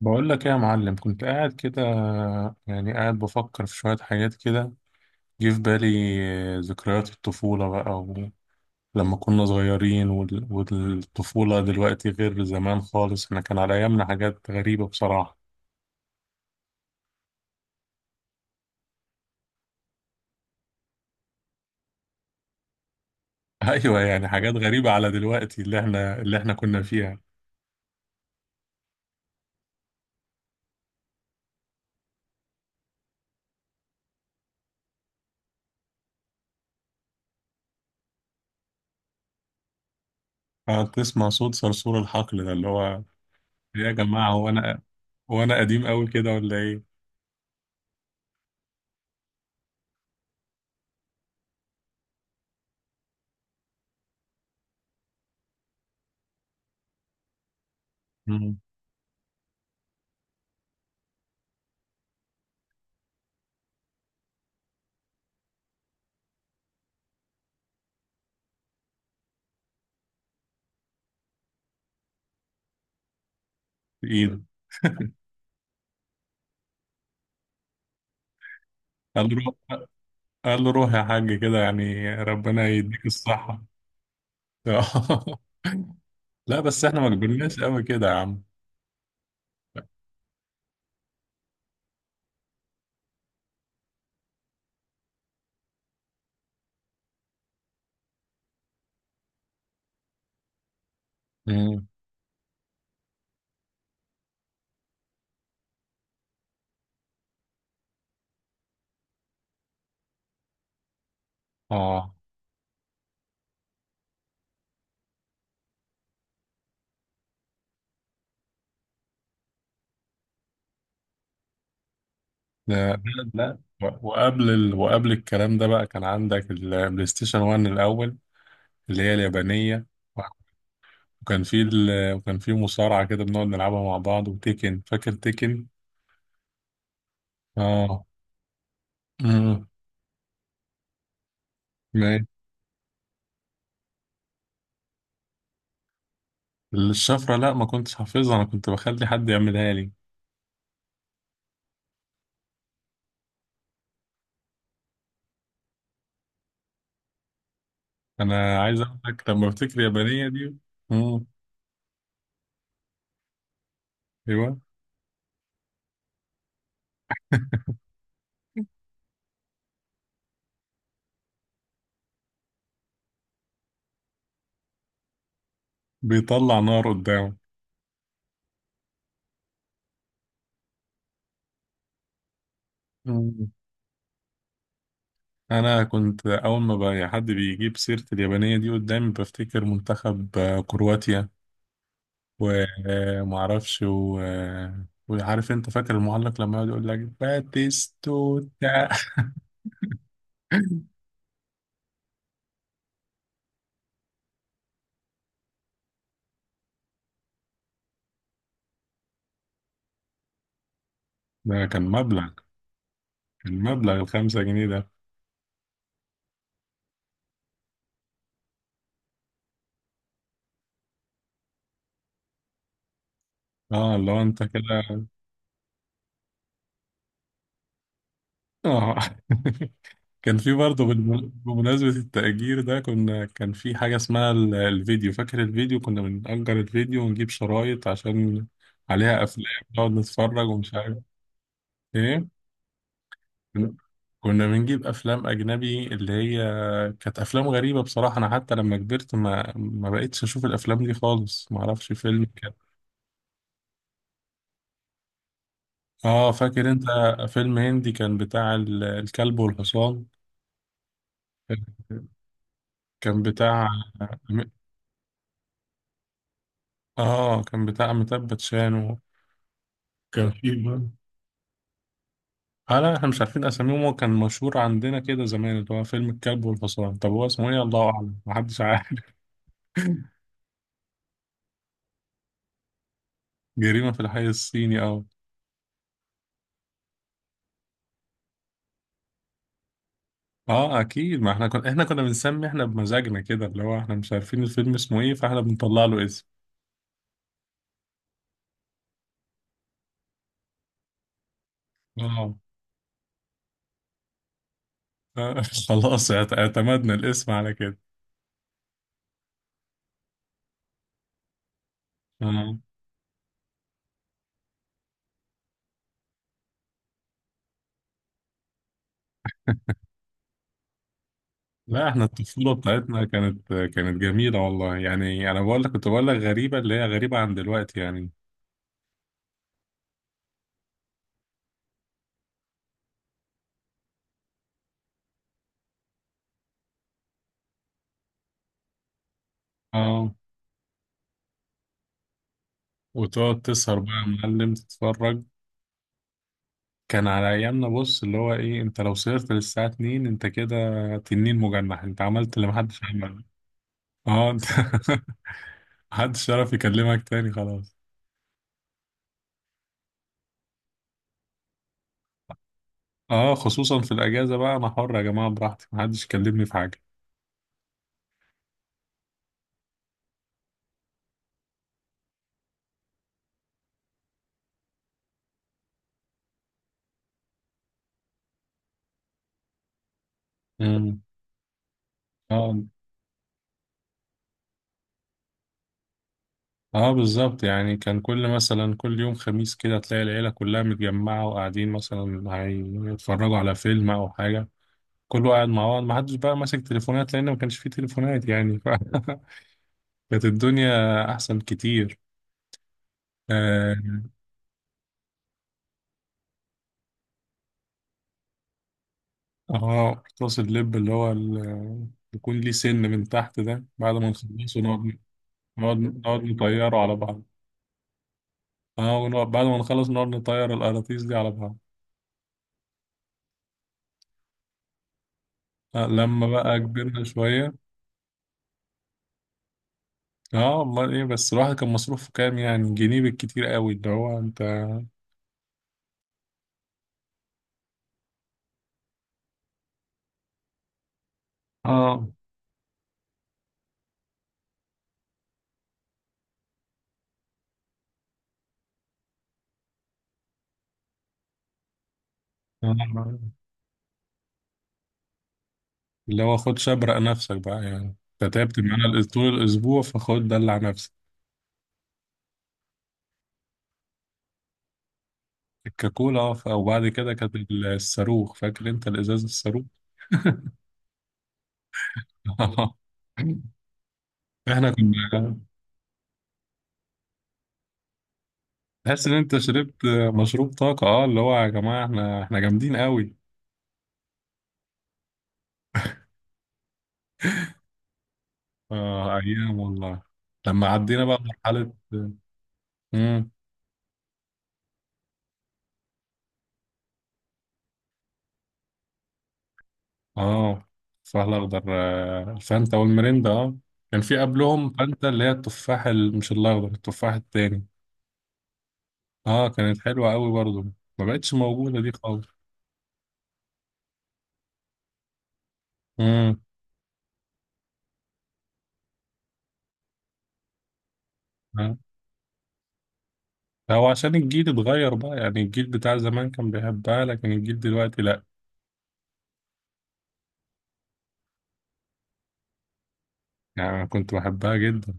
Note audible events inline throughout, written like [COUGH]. بقول لك ايه يا معلم؟ كنت قاعد كده، قاعد بفكر في شوية حاجات كده. جه في بالي ذكريات الطفولة بقى. ولما كنا صغيرين والطفولة دلوقتي غير زمان خالص. احنا كان على ايامنا حاجات غريبة بصراحة. [LAUGHS] ايوه، حاجات غريبة على دلوقتي، اللي احنا كنا فيها. قاعد تسمع صوت صرصور الحقل ده اللي هو إيه يا جماعة؟ هو انا، هو انا قديم قوي كده ولا ايه؟ مم. في ايده. قال له روح، قال له روح يا حاج كده، ربنا يديك الصحة. [LAUGHS] لا بس احنا ما كبرناش قوي كده يا عم. مم. اه، لا لا لا. وقبل وقبل الكلام ده بقى كان عندك البلاي ستيشن 1 الاول، اللي هي اليابانيه. وكان في وكان في مصارعه كده بنقعد نلعبها مع بعض، وتيكن، فاكر تيكن؟ اه. امم. ماشي. الشفره لا، ما كنتش حافظها، انا كنت بخلي حد يعملها لي. انا عايز اقول لك لما بفتكر اليابانيه دي. امم. ايوه. بيطلع نار قدامه. انا كنت اول ما بقى حد بيجيب سيره اليابانيه دي قدامي بفتكر منتخب كرواتيا. ومعرفش و... آه، وعارف انت، فاكر المعلق لما يقعد يقول لك باتيستوتا؟ [LAUGHS] ده كان مبلغ، كان مبلغ الخمسة جنيه ده. اه، اللي هو انت كده. اه. [LAUGHS] كان في برضه بمناسبة التأجير ده، كنا كان في حاجة اسمها الفيديو، فاكر الفيديو؟ كنا بنأجر الفيديو ونجيب شرايط عشان عليها أفلام نقعد نتفرج ومش عارف ايه. كنا بنجيب افلام اجنبي اللي هي كانت افلام غريبه بصراحه. انا حتى لما كبرت ما بقتش اشوف الافلام دي خالص، ما اعرفش فيلم كان. اه، فاكر انت؟ فيلم هندي كان بتاع الكلب والحصان. كان بتاع، اه، كان بتاع أميتاب باتشان. وكان في اه لا، احنا مش عارفين اساميهم. هو كان مشهور عندنا كده زمان اللي هو فيلم الكلب والحصان، طب هو اسمه ايه؟ الله اعلم، محدش عارف. [LAUGHS] جريمة في الحي الصيني، اه. اه اكيد، ما احنا كنا، احنا كنا بنسمي احنا بمزاجنا كده. اللي هو احنا مش عارفين الفيلم اسمه ايه، فاحنا بنطلع له اسم. اه. آه، [LAUGHS] خلاص، اعتمدنا الاسم على كده. اه لا، احنا الطفولة بتاعتنا كانت جميلة والله. يعني انا بقول لك كنت بقول لك غريبة، اللي هي غريبة عن دلوقتي يعني. اه، وتقعد تسهر بقى يا معلم تتفرج. كان على ايامنا بص، اللي هو ايه، انت لو سهرت للساعة 2 انت كده تنين مجنح، انت عملت اللي محدش عمله. اه انت. [LAUGHS] محدش يعرف يكلمك تاني خلاص. اه خصوصا في الاجازه بقى، انا حر يا جماعه براحتي، محدش يكلمني في حاجه. امم. اه. اه بالظبط، يعني كان كل مثلا كل يوم خميس كده تلاقي العيله كلها متجمعه، وقاعدين مثلا هيتفرجوا على فيلم او حاجه. كله قاعد مع بعض، محدش بقى ماسك تليفونات لان ما كانش فيه تليفونات يعني [LAUGHS] كانت الدنيا احسن كتير. اه. قرطاس اللب اللي هو يكون ليه سن من تحت ده، بعد ما نخلصه نقعد، نقعد نطيره على بعض. اه، ونقعد بعد ما نخلص نقعد نطير القراطيس دي على بعض. آه لما بقى كبرنا شوية. اه والله. ايه بس الواحد كان مصروفه كام؟ يعني جنيه بالكتير قوي، اللي هو انت. اه. آه، اللي هو خد شبرق نفسك بقى يعني. انت تعبت معانا طول الأسبوع فخد دلع نفسك. الكاكولا، اه. وبعد كده كانت الصاروخ، فاكر انت الإزاز الصاروخ؟ [LAUGHS] احنا كنا، تحس ان انت شربت مشروب طاقة. اه، اللي هو يا جماعة احنا، احنا جامدين قوي. اه، ايام والله. لما عدينا بقى مرحلة. امم. اه، التفاح الاخضر. الفانتا والمريندا، اه. كان في قبلهم فانتا اللي هي التفاح مش الاخضر، التفاح التاني. اه، كانت حلوة قوي برضو. ما بقتش موجودة دي خالص. امم. آه. هو عشان الجيل اتغير بقى يعني. الجيل بتاع زمان كان بيحبها، لكن الجيل دلوقتي لا. يعني انا كنت بحبها جدا.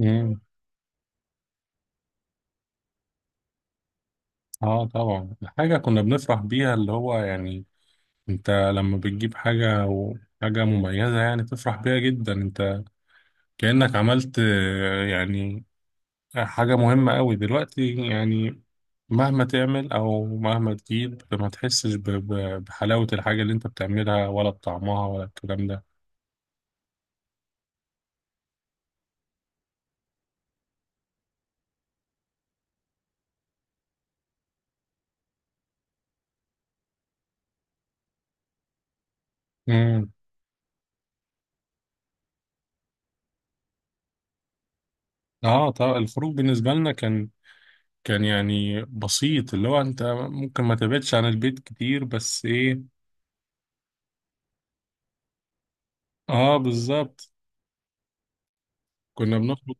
امم. اه طبعا، حاجة كنا بنفرح بيها اللي هو يعني. انت لما بتجيب حاجة، وحاجة مميزة يعني، تفرح بيها جدا انت. كأنك عملت، يعني حاجة مهمة قوي دلوقتي يعني. مهما تعمل او مهما تجيب ما تحسش بحلاوة الحاجة اللي انت بتعملها، ولا بطعمها، ولا الكلام ده. امم. اه طبعا الخروج بالنسبة لنا كان، كان يعني بسيط. اللي هو انت ممكن ما تبعدش عن البيت كتير، بس ايه. اه بالظبط. كنا بنخرج.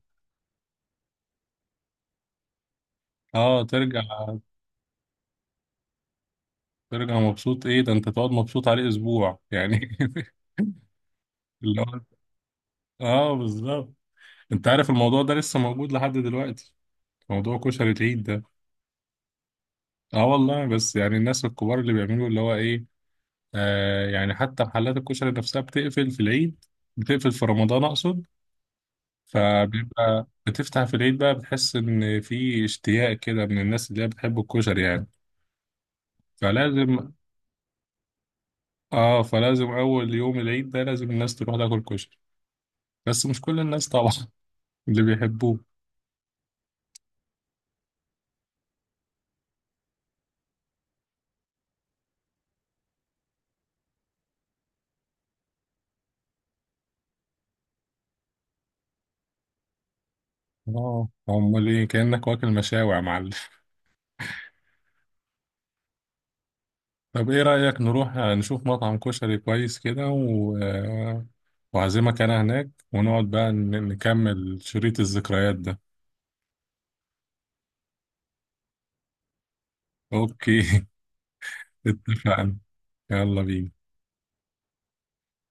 اه ترجع. ترجع مبسوط. ايه ده، انت تقعد مبسوط عليه اسبوع يعني. [LAUGHS] اللي هو اه بالظبط. انت عارف الموضوع ده لسه موجود لحد دلوقتي، موضوع كشري العيد ده. اه والله. بس يعني الناس الكبار اللي بيعملوا اللي هو ايه. آه يعني حتى محلات الكشري نفسها بتقفل في العيد، بتقفل في رمضان اقصد. فبيبقى بتفتح في العيد بقى، بتحس ان في اشتياق كده من الناس اللي هي بتحب الكشري يعني. فلازم، اه فلازم اول يوم العيد ده لازم الناس تروح تاكل كشري. بس مش كل الناس طبعا، اللي بيحبوه. اه امال ايه، كأنك واكل مشاوي يا معلم. [LAUGHS] طب ايه رأيك نروح نشوف مطعم كشري كويس كده وعزمك انا هناك، ونقعد بقى نكمل شريط الذكريات ده. اوكي. [LAUGHS] اتفقنا، يلا بينا.